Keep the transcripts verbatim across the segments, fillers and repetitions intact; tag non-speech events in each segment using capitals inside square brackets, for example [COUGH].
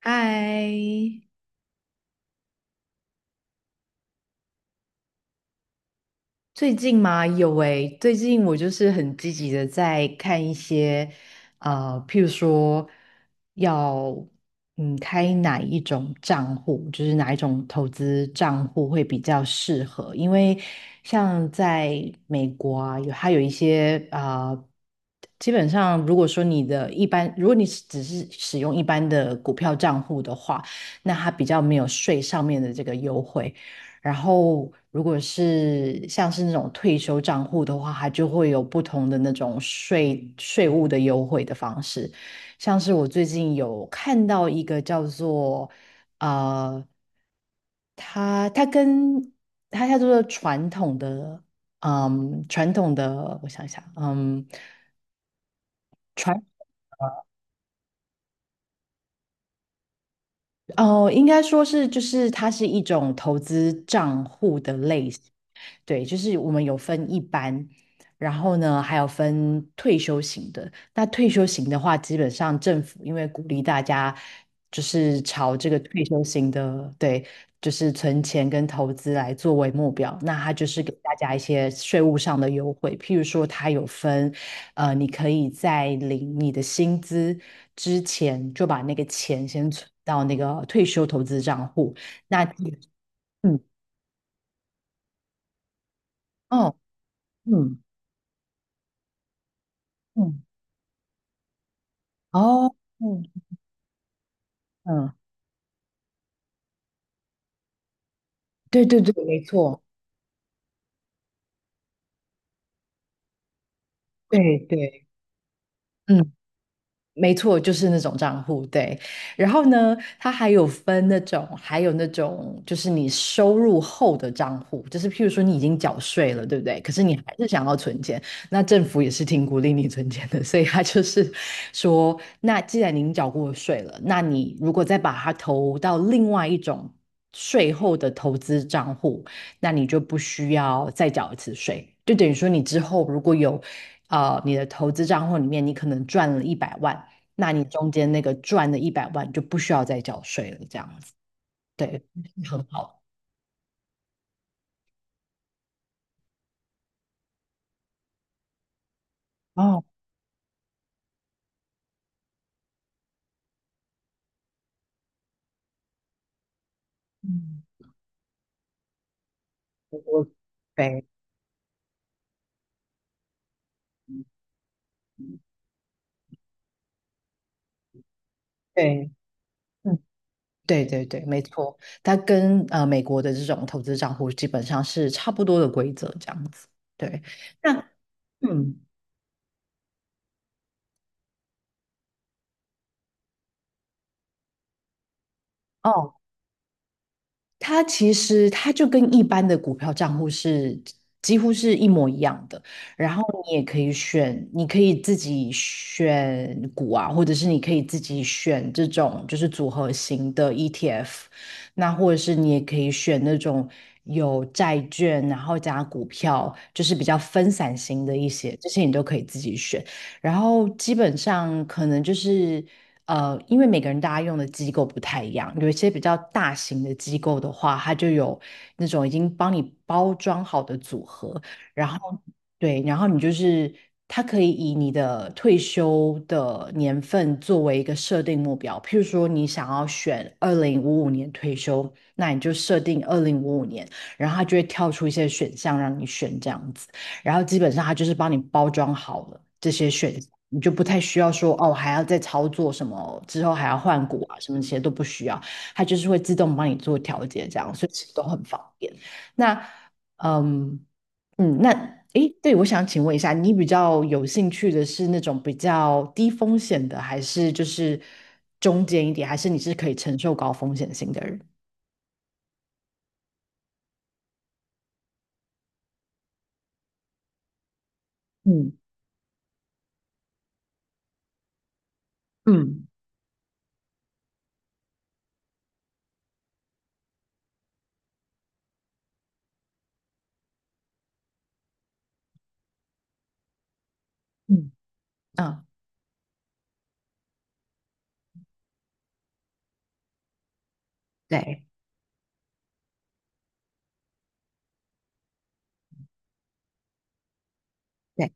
嗨，最近嘛，有诶，最近我就是很积极的在看一些，呃，譬如说要嗯开哪一种账户，就是哪一种投资账户会比较适合，因为像在美国啊，有它有一些啊、呃基本上如果说你的一般，如果你是只是使用一般的股票账户的话，那它比较没有税上面的这个优惠。然后，如果是像是那种退休账户的话，它就会有不同的那种税税务的优惠的方式。像是我最近有看到一个叫做呃，它它跟它叫做传统的嗯传统的，我想想，嗯传哦，应该说是就是它是一种投资账户的类型。对，就是我们有分一般，然后呢，还有分退休型的。那退休型的话，基本上政府因为鼓励大家就是朝这个退休型的，对，就是存钱跟投资来作为目标，那它就是给大家一些税务上的优惠，譬如说它有分，呃，你可以在领你的薪资之前就把那个钱先存到那个退休投资账户，那嗯哦，嗯。嗯哦，嗯嗯，对对对，没错，对对，嗯，没错，就是那种账户，对。然后呢，它还有分那种，还有那种，就是你收入后的账户，就是譬如说你已经缴税了，对不对？可是你还是想要存钱，那政府也是挺鼓励你存钱的，所以他就是说，那既然您缴过税了，那你如果再把它投到另外一种税后的投资账户，那你就不需要再缴一次税，就等于说你之后如果有。呃，你的投资账户里面，你可能赚了一百万，那你中间那个赚的一百万就不需要再缴税了，这样子，对，很好。哦，嗯，我对对，嗯，对对对，没错，它跟呃美国的这种投资账户基本上是差不多的规则，这样子。对，那嗯，哦，它其实它就跟一般的股票账户是几乎是一模一样的，然后你也可以选，你可以自己选股啊，或者是你可以自己选这种就是组合型的 E T F，那或者是你也可以选那种有债券，然后加股票，就是比较分散型的一些，这些你都可以自己选。然后基本上可能就是呃，因为每个人大家用的机构不太一样，有一些比较大型的机构的话，它就有那种已经帮你包装好的组合，然后对，然后你就是它可以以你的退休的年份作为一个设定目标，譬如说你想要选二零五五年退休，那你就设定二零五五年，然后它就会跳出一些选项让你选这样子。然后基本上它就是帮你包装好了这些选项，你就不太需要说哦还要再操作什么，之后还要换股啊什么这些都不需要，它就是会自动帮你做调节，这样所以其实都很方便。那嗯嗯，那诶，对，我想请问一下，你比较有兴趣的是那种比较低风险的，还是就是中间一点，还是你是可以承受高风险性的人？嗯嗯嗯嗯，对对，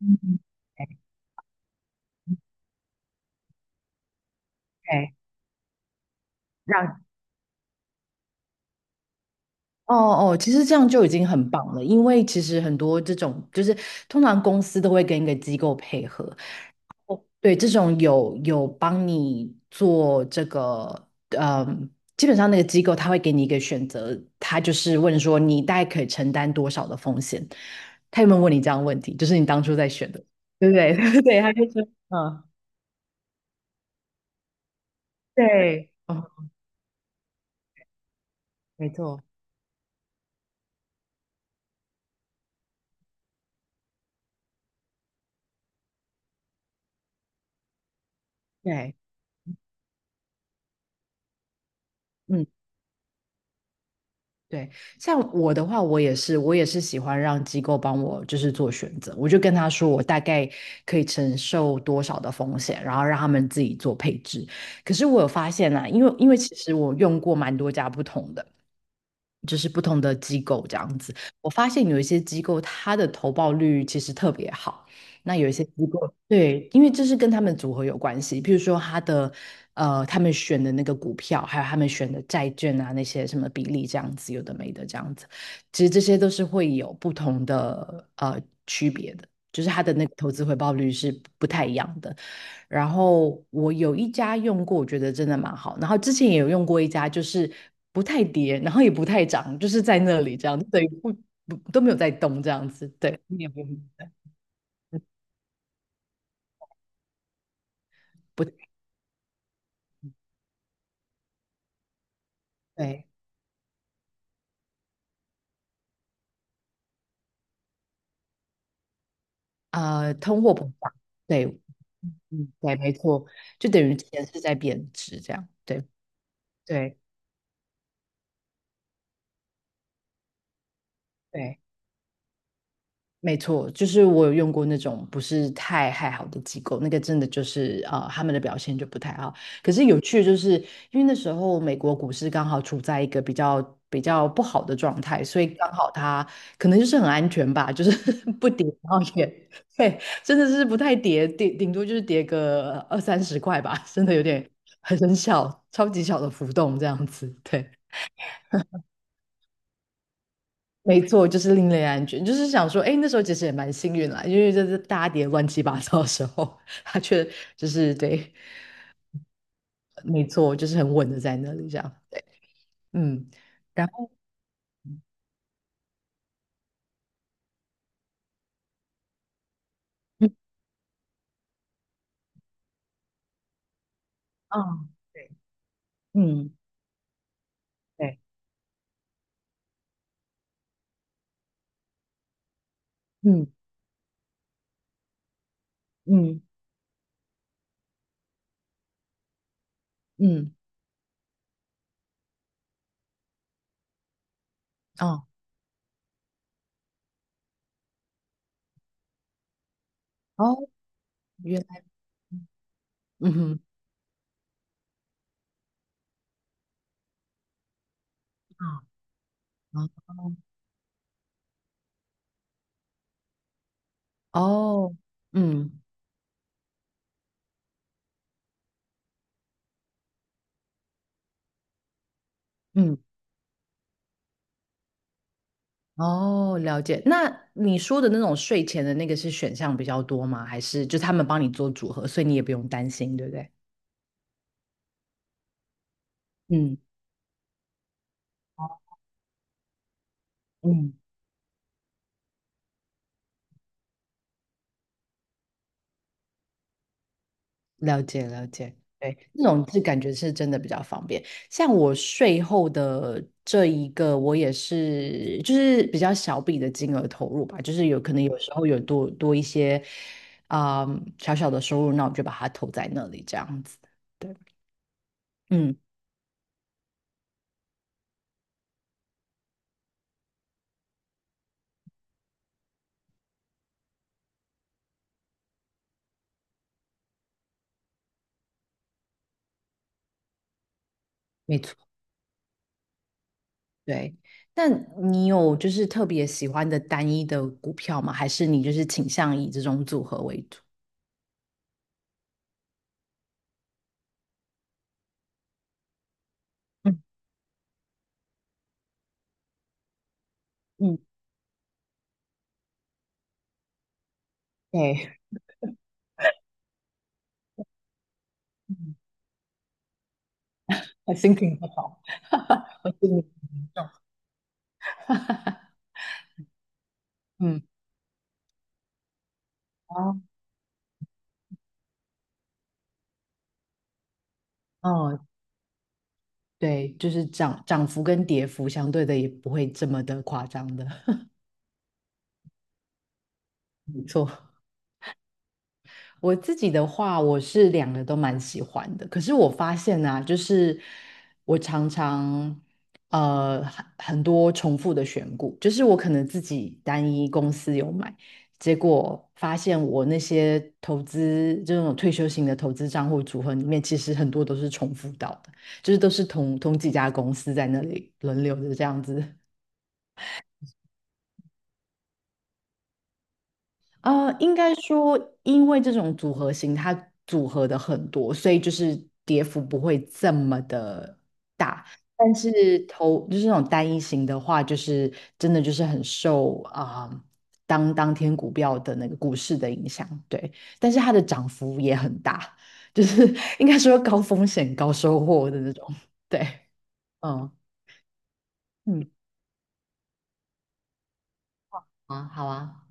嗯对，让哦哦，其实这样就已经很棒了，因为其实很多这种就是通常公司都会跟一个机构配合，哦对，这种有有帮你做这个，嗯，基本上那个机构他会给你一个选择，他就是问说你大概可以承担多少的风险，他有没有问你这样的问题？就是你当初在选的，对不对？[LAUGHS] 对，他就说，嗯，对，哦，没错，对，嗯。对，像我的话，我也是，我也是喜欢让机构帮我就是做选择，我就跟他说我大概可以承受多少的风险，然后让他们自己做配置。可是我有发现啊，因为因为其实我用过蛮多家不同的，就是不同的机构这样子，我发现有一些机构它的投报率其实特别好，那有一些机构对，因为这是跟他们组合有关系，譬如说他的呃，他们选的那个股票，还有他们选的债券啊，那些什么比例这样子，有的没的这样子，其实这些都是会有不同的呃区别的，就是他的那个投资回报率是不太一样的。然后我有一家用过，我觉得真的蛮好，然后之前也有用过一家，就是不太跌，然后也不太涨，就是在那里这样，对，不不都没有在动这样子，对，你也不不太对。呃，通货膨胀，对，嗯，嗯对，没错，就等于钱是在贬值，这样，对，对，对。没错，就是我有用过那种不是太太好的机构，那个真的就是呃，他们的表现就不太好。可是有趣的就是，因为那时候美国股市刚好处在一个比较比较不好的状态，所以刚好它可能就是很安全吧，就是 [LAUGHS] 不跌，然后也对，真的是不太跌，顶顶多就是跌个二三十块吧，真的有点很很小，超级小的浮动这样子，对。没错，就是另类安全，就是想说，哎，那时候其实也蛮幸运啦，因为就是大家跌得乱七八糟的时候，[LAUGHS] 他却就是对，没错，就是很稳的在那里这样，对，嗯，然后嗯，啊，对，嗯，对，嗯嗯嗯，哦哦，原来，嗯哼，啊啊哦，嗯嗯，哦，了解。那你说的那种睡前的那个是选项比较多吗？还是就他们帮你做组合，所以你也不用担心，对不对？嗯嗯，了解了解，对，那种是感觉是真的比较方便。像我税后的这一个，我也是就是比较小笔的金额投入吧，就是有可能有时候有多多一些啊、小小的收入，那我就把它投在那里这样子。对，嗯，没错，对。那你有就是特别喜欢的单一的股票吗？还是你就是倾向以这种组合为主？嗯嗯，对，[LAUGHS] 嗯，还心情不好，还是你。[LAUGHS] 嗯，哦，哦，对，就是涨涨幅跟跌幅相对的也不会这么的夸张的，没错。我自己的话，我是两个都蛮喜欢的。可是我发现啊，就是我常常呃很很多重复的选股，就是我可能自己单一公司有买，结果发现我那些投资这种退休型的投资账户组合里面，其实很多都是重复到的，就是都是同同几家公司在那里轮流的这样子呃，应该说，因为这种组合型，它组合的很多，所以就是跌幅不会这么的大。但是投就是那种单一型的话，就是真的就是很受啊、当当天股票的那个股市的影响，对。但是它的涨幅也很大，就是 [LAUGHS] 应该说高风险高收获的那种，对，嗯嗯，啊，好啊。